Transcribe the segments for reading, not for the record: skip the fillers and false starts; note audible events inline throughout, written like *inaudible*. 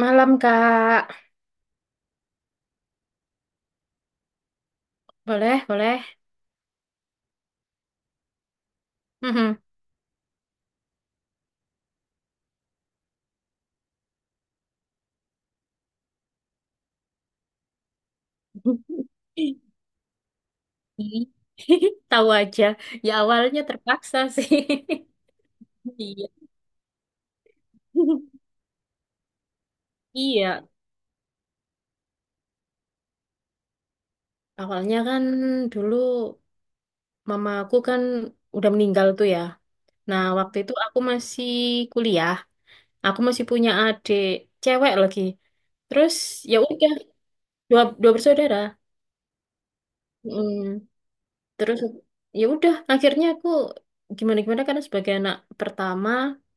Malam, Kak. Boleh, boleh. Mhm. *laughs* Tahu aja. Ya awalnya terpaksa sih. *laughs* Iya. Iya. Awalnya kan dulu mamaku kan udah meninggal tuh ya. Nah, waktu itu aku masih kuliah. Aku masih punya adik cewek lagi. Terus ya udah dua dua bersaudara. Mm. Terus ya udah akhirnya aku gimana gimana karena sebagai anak pertama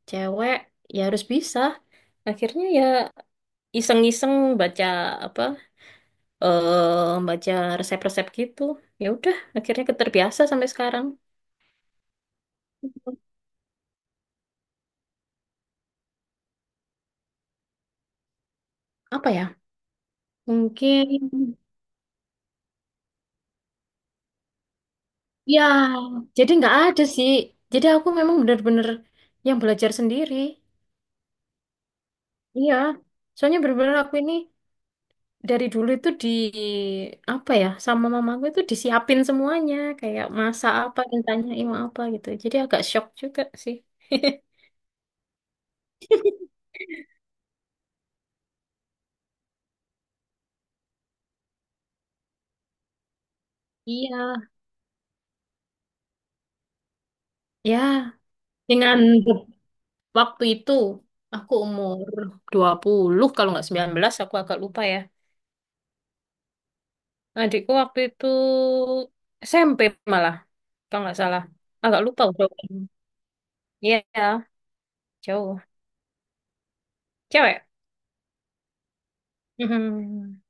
cewek ya harus bisa akhirnya ya iseng-iseng baca apa eh baca resep-resep gitu ya udah akhirnya keterbiasa sampai sekarang. Apa ya, mungkin ya, jadi nggak ada sih, jadi aku memang benar-benar yang belajar sendiri. Iya, soalnya benar-benar aku ini dari dulu itu di apa ya, sama mamaku itu disiapin semuanya, kayak masak apa ditanya mau apa gitu, jadi agak shock juga sih. *laughs* Iya, ya dengan waktu itu aku umur 20 kalau nggak 19, aku agak lupa ya. Adikku waktu itu SMP malah kalau nggak salah, agak lupa udah. Iya, jauh. Cewek. Mhm.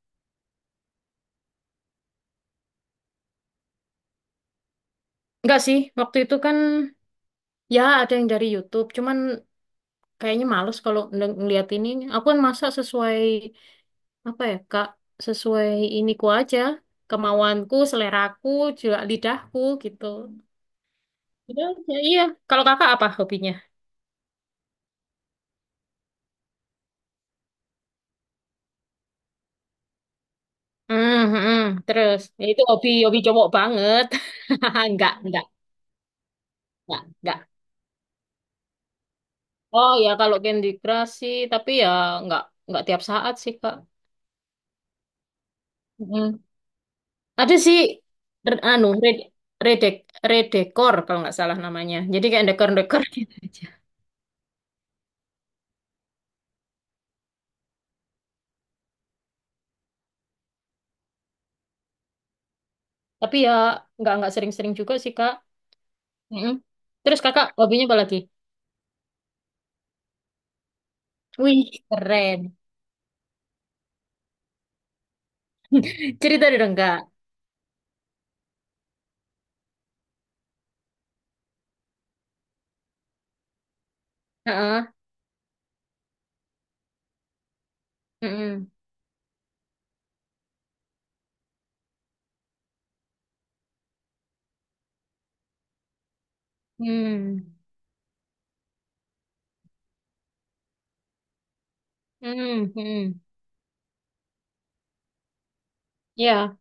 Nggak sih, waktu itu kan ya ada yang dari YouTube, cuman kayaknya males kalau ngeliat ini. Aku kan masak sesuai apa ya Kak, sesuai iniku aja, kemauanku, seleraku, juga lidahku gitu. Gitu aja, iya. Kalau kakak apa hobinya? Hmm, hmm, hmm. Terus, ya itu hobi hobi cowok banget. *laughs* Enggak, enggak, enggak, enggak. Oh ya kalau Candy Crush sih, tapi ya enggak tiap saat sih Kak. Mm. Ada sih, re- anu red redek redekor kalau nggak salah namanya. Jadi kayak dekor-dekor *laughs* gitu aja. Tapi ya nggak sering-sering juga sih Kak. Mm-mm. Terus Kakak hobinya apa lagi? Wih, keren. Cerita dong Kak. Heeh. Mm-mm. Hmm. Hmm. Hmm. Ya.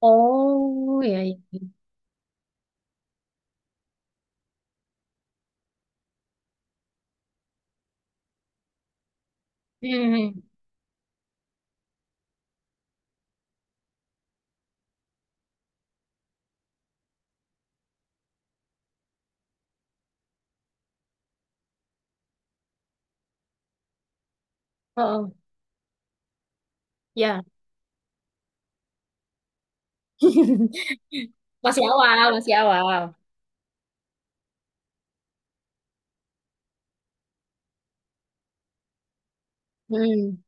Oh, ya. Ya. Hmm. Oh, ya. *laughs* Masih awal, masih awal. Hmm.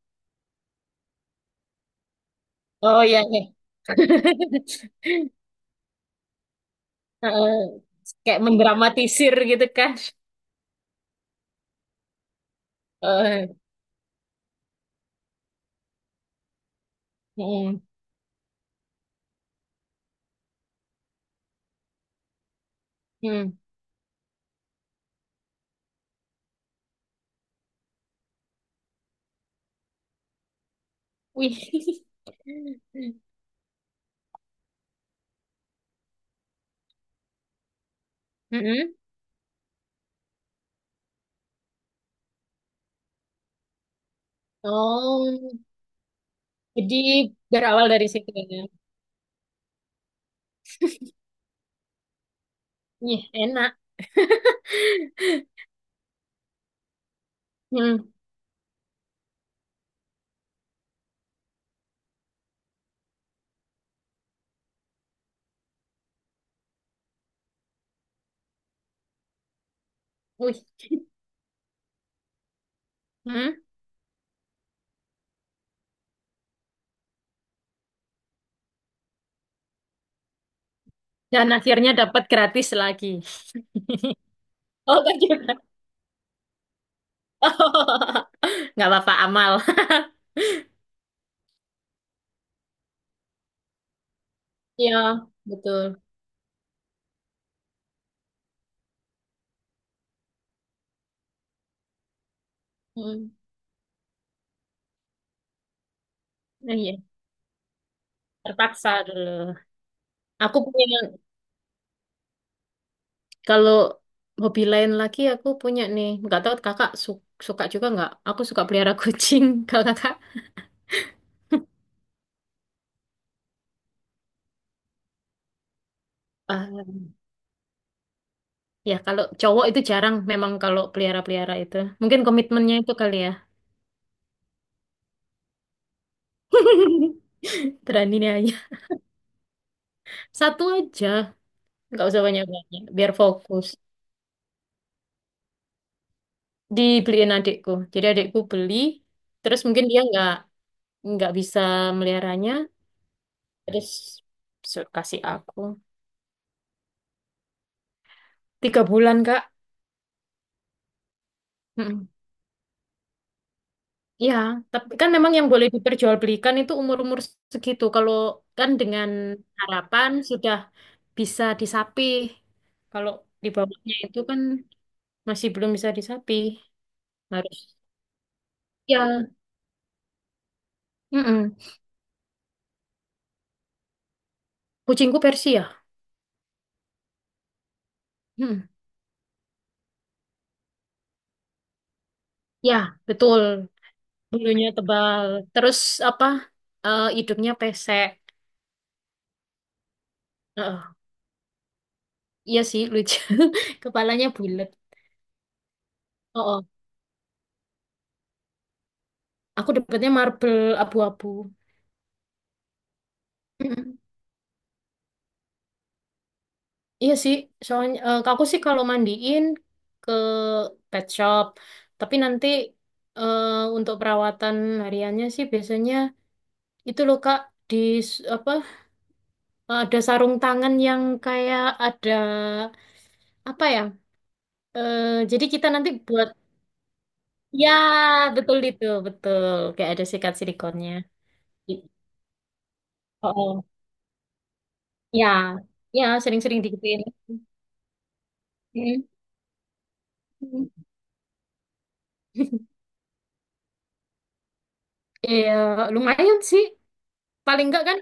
Oh iya, iya. *laughs* Heeh. Kayak mendramatisir gitu kan. Heeh. Hmm. Hmm. Wih. *laughs* Mm-mm. Oh, jadi berawal dari situ ya. Ih, enak. *laughs* Hmm. Wih. Hmm. Dan akhirnya dapat gratis lagi. Oh, thank you. *laughs* Nggak apa-apa, amal. *laughs* Iya, betul. Hmm. Nah, iya, terpaksa dulu. Aku punya, Kalau hobi lain lagi, aku punya nih. Nggak tahu kakak suka juga nggak? Aku suka pelihara kucing. *laughs* Kalau kakak? Ya, kalau cowok itu jarang memang kalau pelihara-pelihara itu. Mungkin komitmennya itu kali ya. *laughs* Berani nih aja. Satu aja, nggak usah banyak-banyak, biar fokus. Dibeliin adikku. Jadi adikku beli, terus mungkin dia nggak bisa meliharanya, terus kasih aku. 3 bulan, Kak. Mm-mm. Ya, tapi kan memang yang boleh diperjualbelikan itu umur-umur segitu. Kalau kan dengan harapan sudah bisa disapih. Kalau di bawahnya itu kan masih belum bisa di sapi. Harus. Ya. Mm-mm. Kucingku Persia. Mm. Ya, betul. Bulunya tebal. Terus apa? Eh, hidungnya pesek. Heeh. Iya sih, lucu. *laughs* Kepalanya bulat. Oh, oh. Aku dapetnya marble abu-abu. Mm-mm. Iya sih, soalnya aku sih kalau mandiin ke pet shop. Tapi nanti eh, untuk perawatan hariannya sih biasanya itu loh Kak, di s- apa ada sarung tangan yang kayak ada apa ya? Eh, jadi kita nanti buat, ya betul, itu betul, kayak ada sikat silikonnya. Oh, oh. Ya, ya, sering-sering digituin. Mm. *laughs* Iya, lumayan sih. Paling enggak kan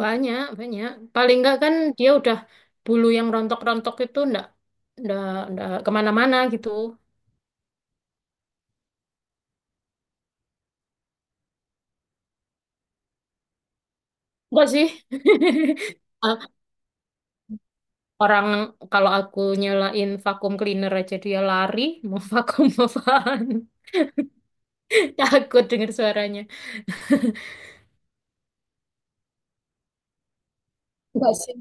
banyak, banyak. Paling enggak kan dia udah, bulu yang rontok-rontok itu enggak enggak kemana-mana gitu. Enggak sih. *laughs* Orang kalau aku nyalain vakum cleaner aja dia lari, *laughs* mau vakum apaan? *laughs* Takut denger suaranya. Enggak sih.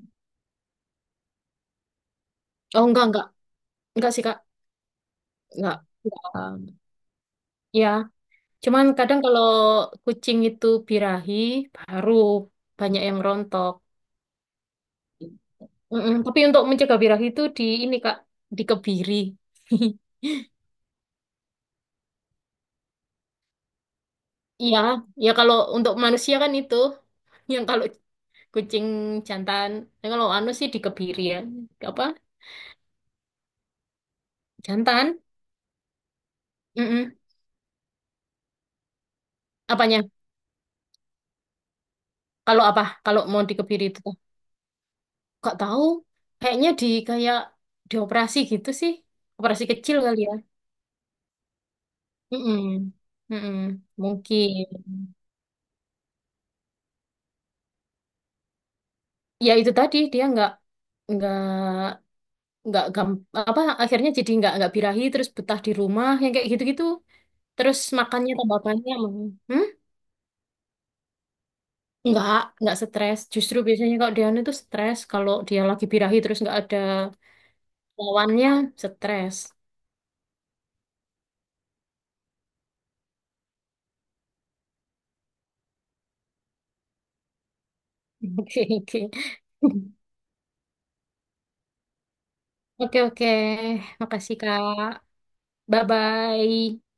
Oh enggak, enggak. Enggak sih, Kak. Enggak. Enggak. Ya, cuman kadang kalau kucing itu birahi, baru banyak yang rontok. Mm-mm. Tapi untuk mencegah birahi itu di ini, Kak, dikebiri. *laughs* Iya, ya kalau untuk manusia kan itu yang kalau kucing jantan, ya kalau anu sih dikebiri ya, apa, jantan. Mm-mm. Apanya? Kalau apa? Kalau mau dikebiri itu? Oh, tahu. Kayaknya di kayak dioperasi gitu sih. Operasi kecil kali ya. Mm-mm. Mm-mm. Mungkin. Ya itu tadi dia nggak nggak gam apa akhirnya jadi nggak birahi, terus betah di rumah yang kayak gitu-gitu. Terus makannya tambah banyak. Hmm? Nggak, nggak stres. Justru biasanya kalau dia itu stres. Kalau dia lagi birahi terus nggak ada lawannya, stres. *laughs* Oke, oke. Oke, oke. Makasih, Kak. Bye-bye.